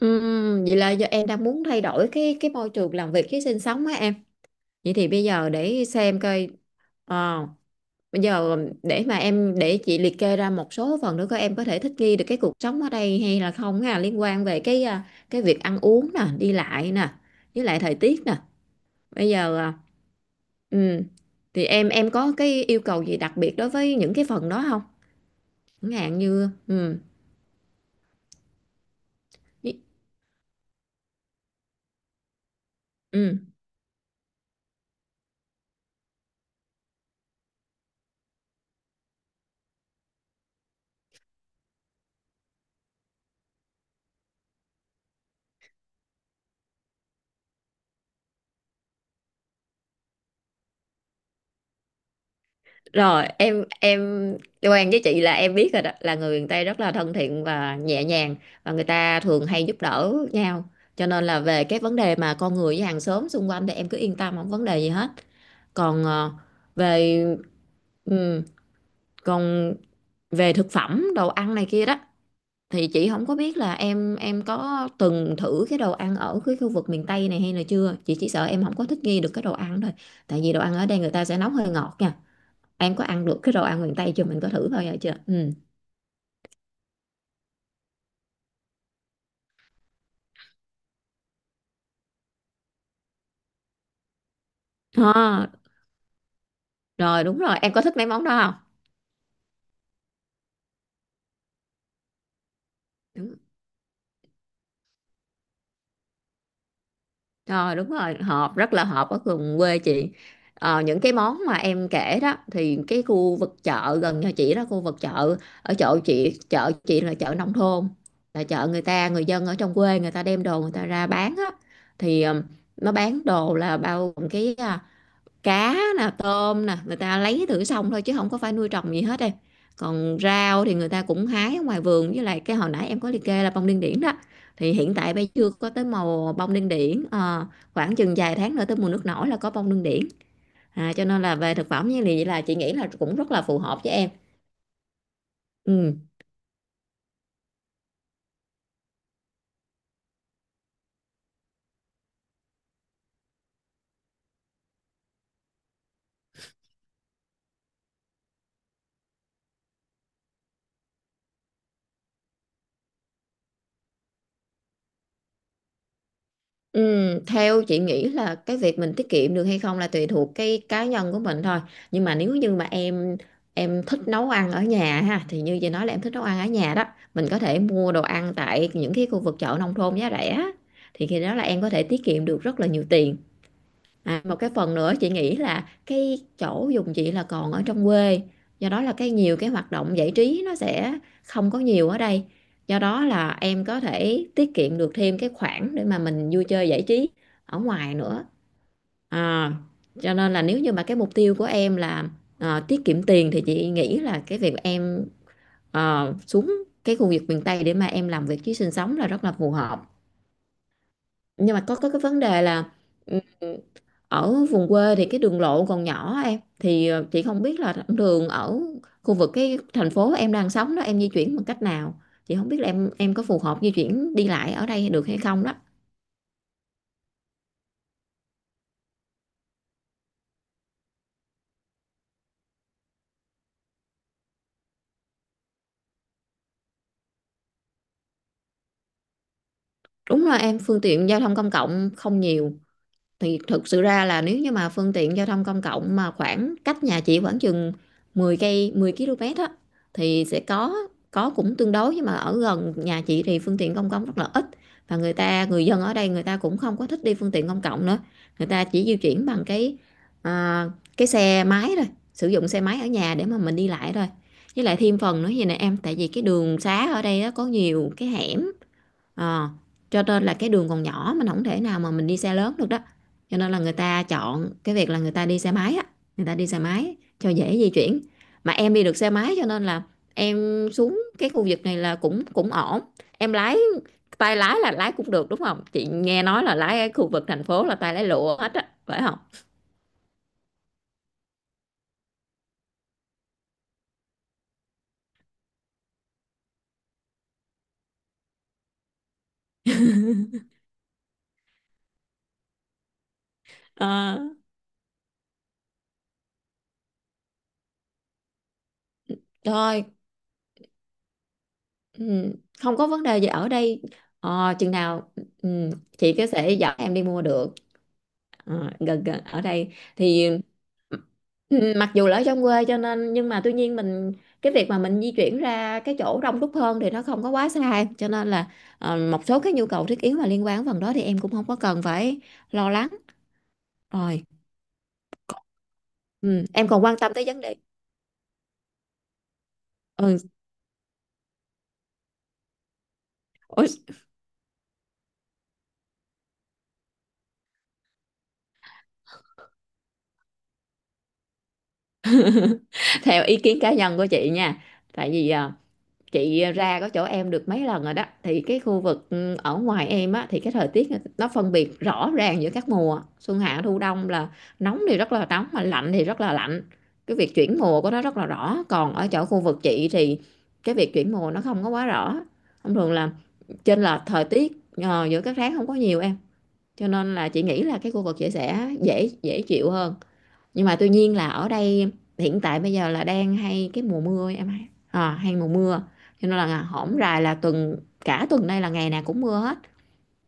Vậy là giờ em đang muốn thay đổi cái môi trường làm việc cái sinh sống á em. Vậy thì bây giờ để xem coi ờ, bây giờ để mà em để chị liệt kê ra một số phần nữa coi em có thể thích nghi được cái cuộc sống ở đây hay là không ha, liên quan về cái cái việc ăn uống nè, đi lại nè, với lại thời tiết nè. Bây giờ ừm, thì em có cái yêu cầu gì đặc biệt đối với những cái phần đó không? Chẳng hạn như ừ. Rồi em quen với chị là em biết rồi đó, là người miền Tây rất là thân thiện và nhẹ nhàng, và người ta thường hay giúp đỡ nhau, cho nên là về cái vấn đề mà con người với hàng xóm xung quanh thì em cứ yên tâm không vấn đề gì hết. Còn về ừ, còn về thực phẩm đồ ăn này kia đó thì chị không có biết là em có từng thử cái đồ ăn ở cái khu vực miền Tây này hay là chưa. Chị chỉ sợ em không có thích nghi được cái đồ ăn thôi, tại vì đồ ăn ở đây người ta sẽ nấu hơi ngọt nha. Em có ăn được cái đồ ăn miền Tây chưa? Mình có thử bao giờ chưa? Ừ. À, rồi đúng rồi, em có thích mấy món đó không? Đúng. Rồi đúng rồi, hợp rất là hợp ở vùng quê chị. Ờ, những cái món mà em kể đó thì cái khu vực chợ gần nhà chị đó, khu vực chợ ở chỗ chị, chợ chị là chợ nông thôn. Là chợ người ta, người dân ở trong quê người ta đem đồ người ta ra bán á, thì nó bán đồ là bao gồm cái cá nè tôm nè, người ta lấy thử xong thôi chứ không có phải nuôi trồng gì hết em. Còn rau thì người ta cũng hái ở ngoài vườn, với lại cái hồi nãy em có liệt kê là bông điên điển đó, thì hiện tại bây giờ chưa có tới màu bông điên điển. Ờ, khoảng chừng vài tháng nữa tới mùa nước nổi là có bông điên điển, cho nên là về thực phẩm như vậy là chị nghĩ là cũng rất là phù hợp với em. Ừ. Ừ, theo chị nghĩ là cái việc mình tiết kiệm được hay không là tùy thuộc cái cá nhân của mình thôi. Nhưng mà nếu như mà em thích nấu ăn ở nhà ha, thì như chị nói là em thích nấu ăn ở nhà đó, mình có thể mua đồ ăn tại những cái khu vực chợ nông thôn giá rẻ, thì khi đó là em có thể tiết kiệm được rất là nhiều tiền. À, một cái phần nữa chị nghĩ là cái chỗ dùng chị là còn ở trong quê, do đó là cái nhiều cái hoạt động giải trí nó sẽ không có nhiều ở đây, do đó là em có thể tiết kiệm được thêm cái khoản để mà mình vui chơi giải trí ở ngoài nữa, à, cho nên là nếu như mà cái mục tiêu của em là tiết kiệm tiền thì chị nghĩ là cái việc em xuống cái khu vực miền Tây để mà em làm việc chứ sinh sống là rất là phù hợp. Nhưng mà có cái vấn đề là ừ, ở vùng quê thì cái đường lộ còn nhỏ em, thì chị không biết là thẳng đường ở khu vực cái thành phố em đang sống đó em di chuyển bằng cách nào, chị không biết là em có phù hợp di chuyển đi lại ở đây được hay không đó. Đúng là em phương tiện giao thông công cộng không nhiều, thì thực sự ra là nếu như mà phương tiện giao thông công cộng mà khoảng cách nhà chị khoảng chừng 10 cây 10 km á thì sẽ có, cũng tương đối. Nhưng mà ở gần nhà chị thì phương tiện công cộng rất là ít, và người dân ở đây người ta cũng không có thích đi phương tiện công cộng nữa, người ta chỉ di chuyển bằng cái à, cái xe máy thôi, sử dụng xe máy ở nhà để mà mình đi lại thôi. Với lại thêm phần nữa vậy nè em, tại vì cái đường xá ở đây á, có nhiều cái hẻm. Ờ, cho nên là cái đường còn nhỏ mình không thể nào mà mình đi xe lớn được đó, cho nên là người ta chọn cái việc là người ta đi xe máy á, người ta đi xe máy cho dễ di chuyển. Mà em đi được xe máy cho nên là em xuống cái khu vực này là cũng cũng ổn. Em lái tay lái là lái cũng được đúng không, chị nghe nói là lái ở khu vực thành phố là tay lái lụa hết á phải không. Ờ, rồi ừ, không có vấn đề gì ở đây. Ờ, chừng nào ừ, chị có thể dẫn em đi mua được. Ờ, gần gần ở đây thì. Ừ, mặc dù là ở trong quê cho nên nhưng mà tuy nhiên mình cái việc mà mình di chuyển ra cái chỗ đông đúc hơn thì nó không có quá xa, cho nên là một số cái nhu cầu thiết yếu mà liên quan đến phần đó thì em cũng không có cần phải lo lắng. Rồi ừ, em còn quan tâm tới vấn đề ừ, theo ý kiến cá nhân của chị nha, tại vì chị ra có chỗ em được mấy lần rồi đó, thì cái khu vực ở ngoài em á thì cái thời tiết nó phân biệt rõ ràng giữa các mùa xuân hạ thu đông, là nóng thì rất là nóng mà lạnh thì rất là lạnh, cái việc chuyển mùa của nó rất là rõ. Còn ở chỗ khu vực chị thì cái việc chuyển mùa nó không có quá rõ, thông thường là chênh lệch thời tiết giữa các tháng không có nhiều em, cho nên là chị nghĩ là cái khu vực chị sẽ dễ dễ chịu hơn. Nhưng mà tuy nhiên là ở đây hiện tại bây giờ là đang hay cái mùa mưa em, hay hay mùa mưa, cho nên là hổm rày là tuần cả tuần đây là ngày nào cũng mưa hết,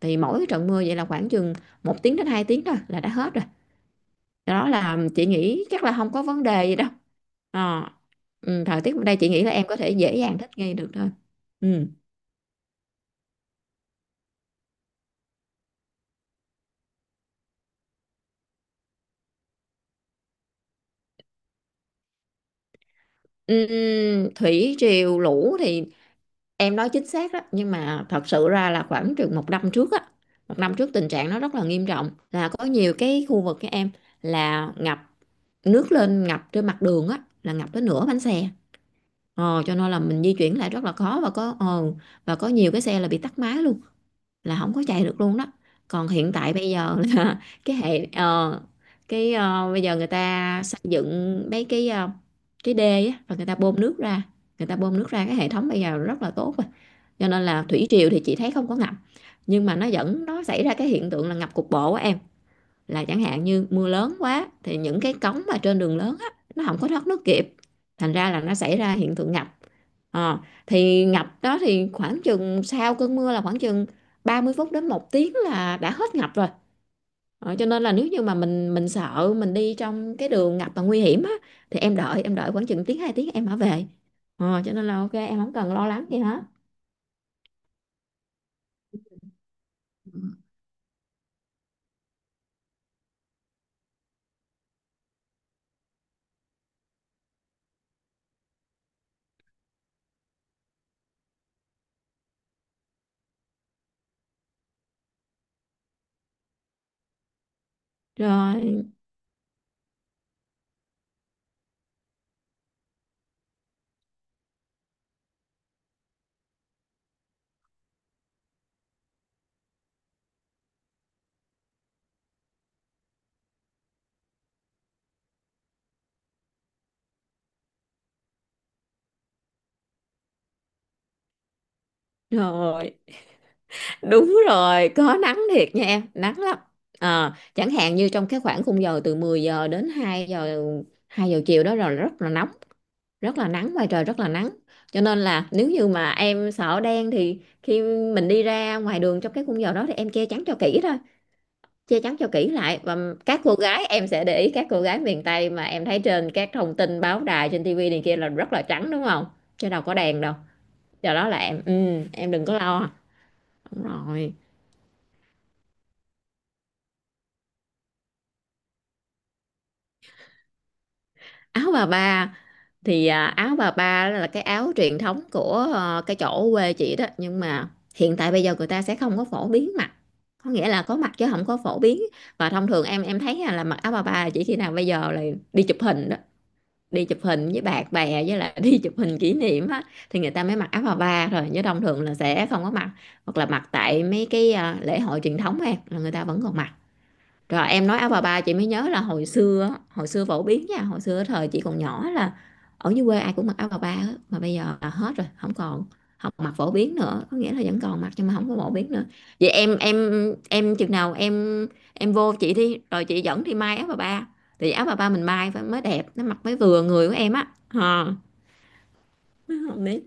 thì mỗi cái trận mưa vậy là khoảng chừng 1 tiếng đến 2 tiếng thôi là đã hết rồi, do đó là chị nghĩ chắc là không có vấn đề gì đâu. Ờ. Ừ, thời tiết bên đây chị nghĩ là em có thể dễ dàng thích nghi được thôi. Ừ. Thủy triều lũ thì em nói chính xác đó, nhưng mà thật sự ra là khoảng chừng 1 năm trước á, 1 năm trước tình trạng nó rất là nghiêm trọng, là có nhiều cái khu vực các em là ngập, nước lên ngập trên mặt đường á, là ngập tới nửa bánh xe. Cho nên là mình di chuyển lại rất là khó, và có và có nhiều cái xe là bị tắc máy luôn, là không có chạy được luôn đó. Còn hiện tại bây giờ là cái hệ cái bây giờ người ta xây dựng mấy cái cái đê á, và người ta bơm nước ra, người ta bơm nước ra, cái hệ thống bây giờ rất là tốt rồi, cho nên là thủy triều thì chị thấy không có ngập. Nhưng mà nó vẫn nó xảy ra cái hiện tượng là ngập cục bộ á em, là chẳng hạn như mưa lớn quá thì những cái cống mà trên đường lớn á nó không có thoát nước kịp, thành ra là nó xảy ra hiện tượng ngập. Ờ, thì ngập đó thì khoảng chừng sau cơn mưa là khoảng chừng 30 phút đến 1 tiếng là đã hết ngập rồi. Ờ, cho nên là nếu như mà mình sợ mình đi trong cái đường ngập mà nguy hiểm á thì em đợi khoảng chừng tiếng hai tiếng em hả về. Ờ, cho nên là ok em không cần lo lắng gì hết. Rồi, rồi. Đúng rồi, có nắng thiệt nha em, nắng lắm. Chẳng hạn như trong cái khoảng khung giờ từ 10 giờ đến hai giờ chiều đó rồi rất là nóng, rất là nắng, ngoài trời rất là nắng, cho nên là nếu như mà em sợ đen thì khi mình đi ra ngoài đường trong cái khung giờ đó thì em che chắn cho kỹ thôi, che chắn cho kỹ lại và các cô gái, em sẽ để ý các cô gái miền Tây mà em thấy trên các thông tin báo đài trên tivi này kia là rất là trắng đúng không? Chứ đâu có đèn đâu, do đó là em em đừng có lo. Đúng rồi. Áo bà ba thì áo bà ba là cái áo truyền thống của cái chỗ quê chị đó, nhưng mà hiện tại bây giờ người ta sẽ không có phổ biến mặc, có nghĩa là có mặc chứ không có phổ biến. Và thông thường em thấy là mặc áo bà ba là chỉ khi nào bây giờ là đi chụp hình đó, đi chụp hình với bạn bè với lại đi chụp hình kỷ niệm á, thì người ta mới mặc áo bà ba rồi, chứ thông thường là sẽ không có mặc, hoặc là mặc tại mấy cái lễ hội truyền thống em, là người ta vẫn còn mặc. Rồi em nói áo bà ba chị mới nhớ là hồi xưa á, hồi xưa phổ biến nha, hồi xưa thời chị còn nhỏ là ở dưới quê ai cũng mặc áo bà ba á, mà bây giờ là hết rồi, không còn, không mặc phổ biến nữa, có nghĩa là vẫn còn mặc nhưng mà không có phổ biến nữa. Vậy em chừng nào em vô chị đi rồi chị dẫn đi may áo bà ba, thì áo bà ba mình may phải mới đẹp, nó mặc mới vừa người của em á. Ờ. Không biết.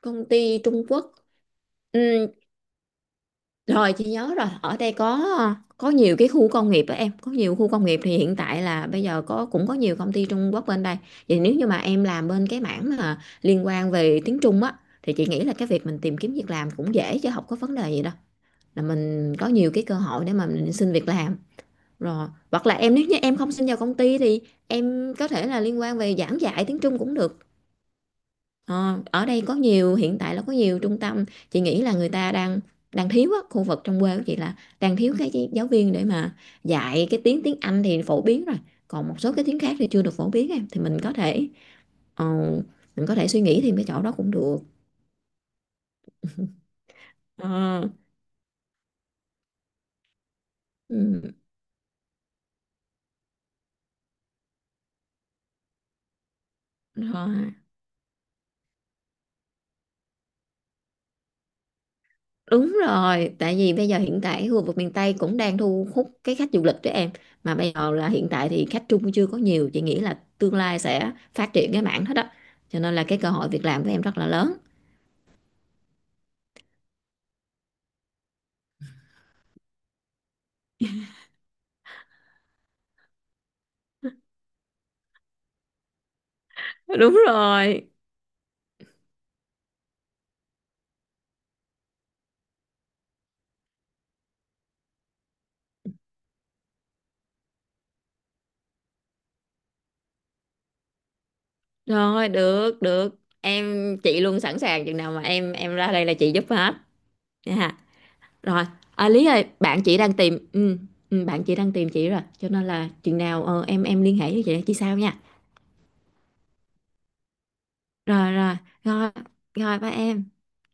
Công ty Trung Quốc. Ừ, rồi chị nhớ rồi, ở đây có nhiều cái khu công nghiệp đó em, có nhiều khu công nghiệp thì hiện tại là bây giờ có, cũng có nhiều công ty Trung Quốc bên đây. Vậy nếu như mà em làm bên cái mảng mà liên quan về tiếng Trung á thì chị nghĩ là cái việc mình tìm kiếm việc làm cũng dễ, chứ không có vấn đề gì đâu. Là mình có nhiều cái cơ hội để mà mình xin việc làm. Rồi, hoặc là em nếu như em không xin vào công ty thì em có thể là liên quan về giảng dạy tiếng Trung cũng được. Ờ, ở đây có nhiều, hiện tại là có nhiều trung tâm, chị nghĩ là người ta đang đang thiếu á, khu vực trong quê của chị là đang thiếu cái giáo viên để mà dạy, cái tiếng tiếng Anh thì phổ biến rồi, còn một số cái tiếng khác thì chưa được phổ biến em, thì mình có thể ờ, mình có thể suy nghĩ thêm cái chỗ đó cũng được. Ờ, ừ, rồi. Đúng rồi, tại vì bây giờ hiện tại khu vực miền Tây cũng đang thu hút cái khách du lịch đó em. Mà bây giờ là hiện tại thì khách Trung chưa có nhiều, chị nghĩ là tương lai sẽ phát triển cái mảng hết đó. Cho nên là cái cơ hội việc làm của em rất là lớn. Đúng rồi. Rồi, được, được. Chị luôn sẵn sàng, chừng nào mà em ra đây là chị giúp hết. Nha. Rồi, à, Lý ơi, bạn chị đang tìm bạn chị đang tìm chị rồi, cho nên là chừng nào em liên hệ với chị sao nha. Rồi rồi, rồi, rồi ba em.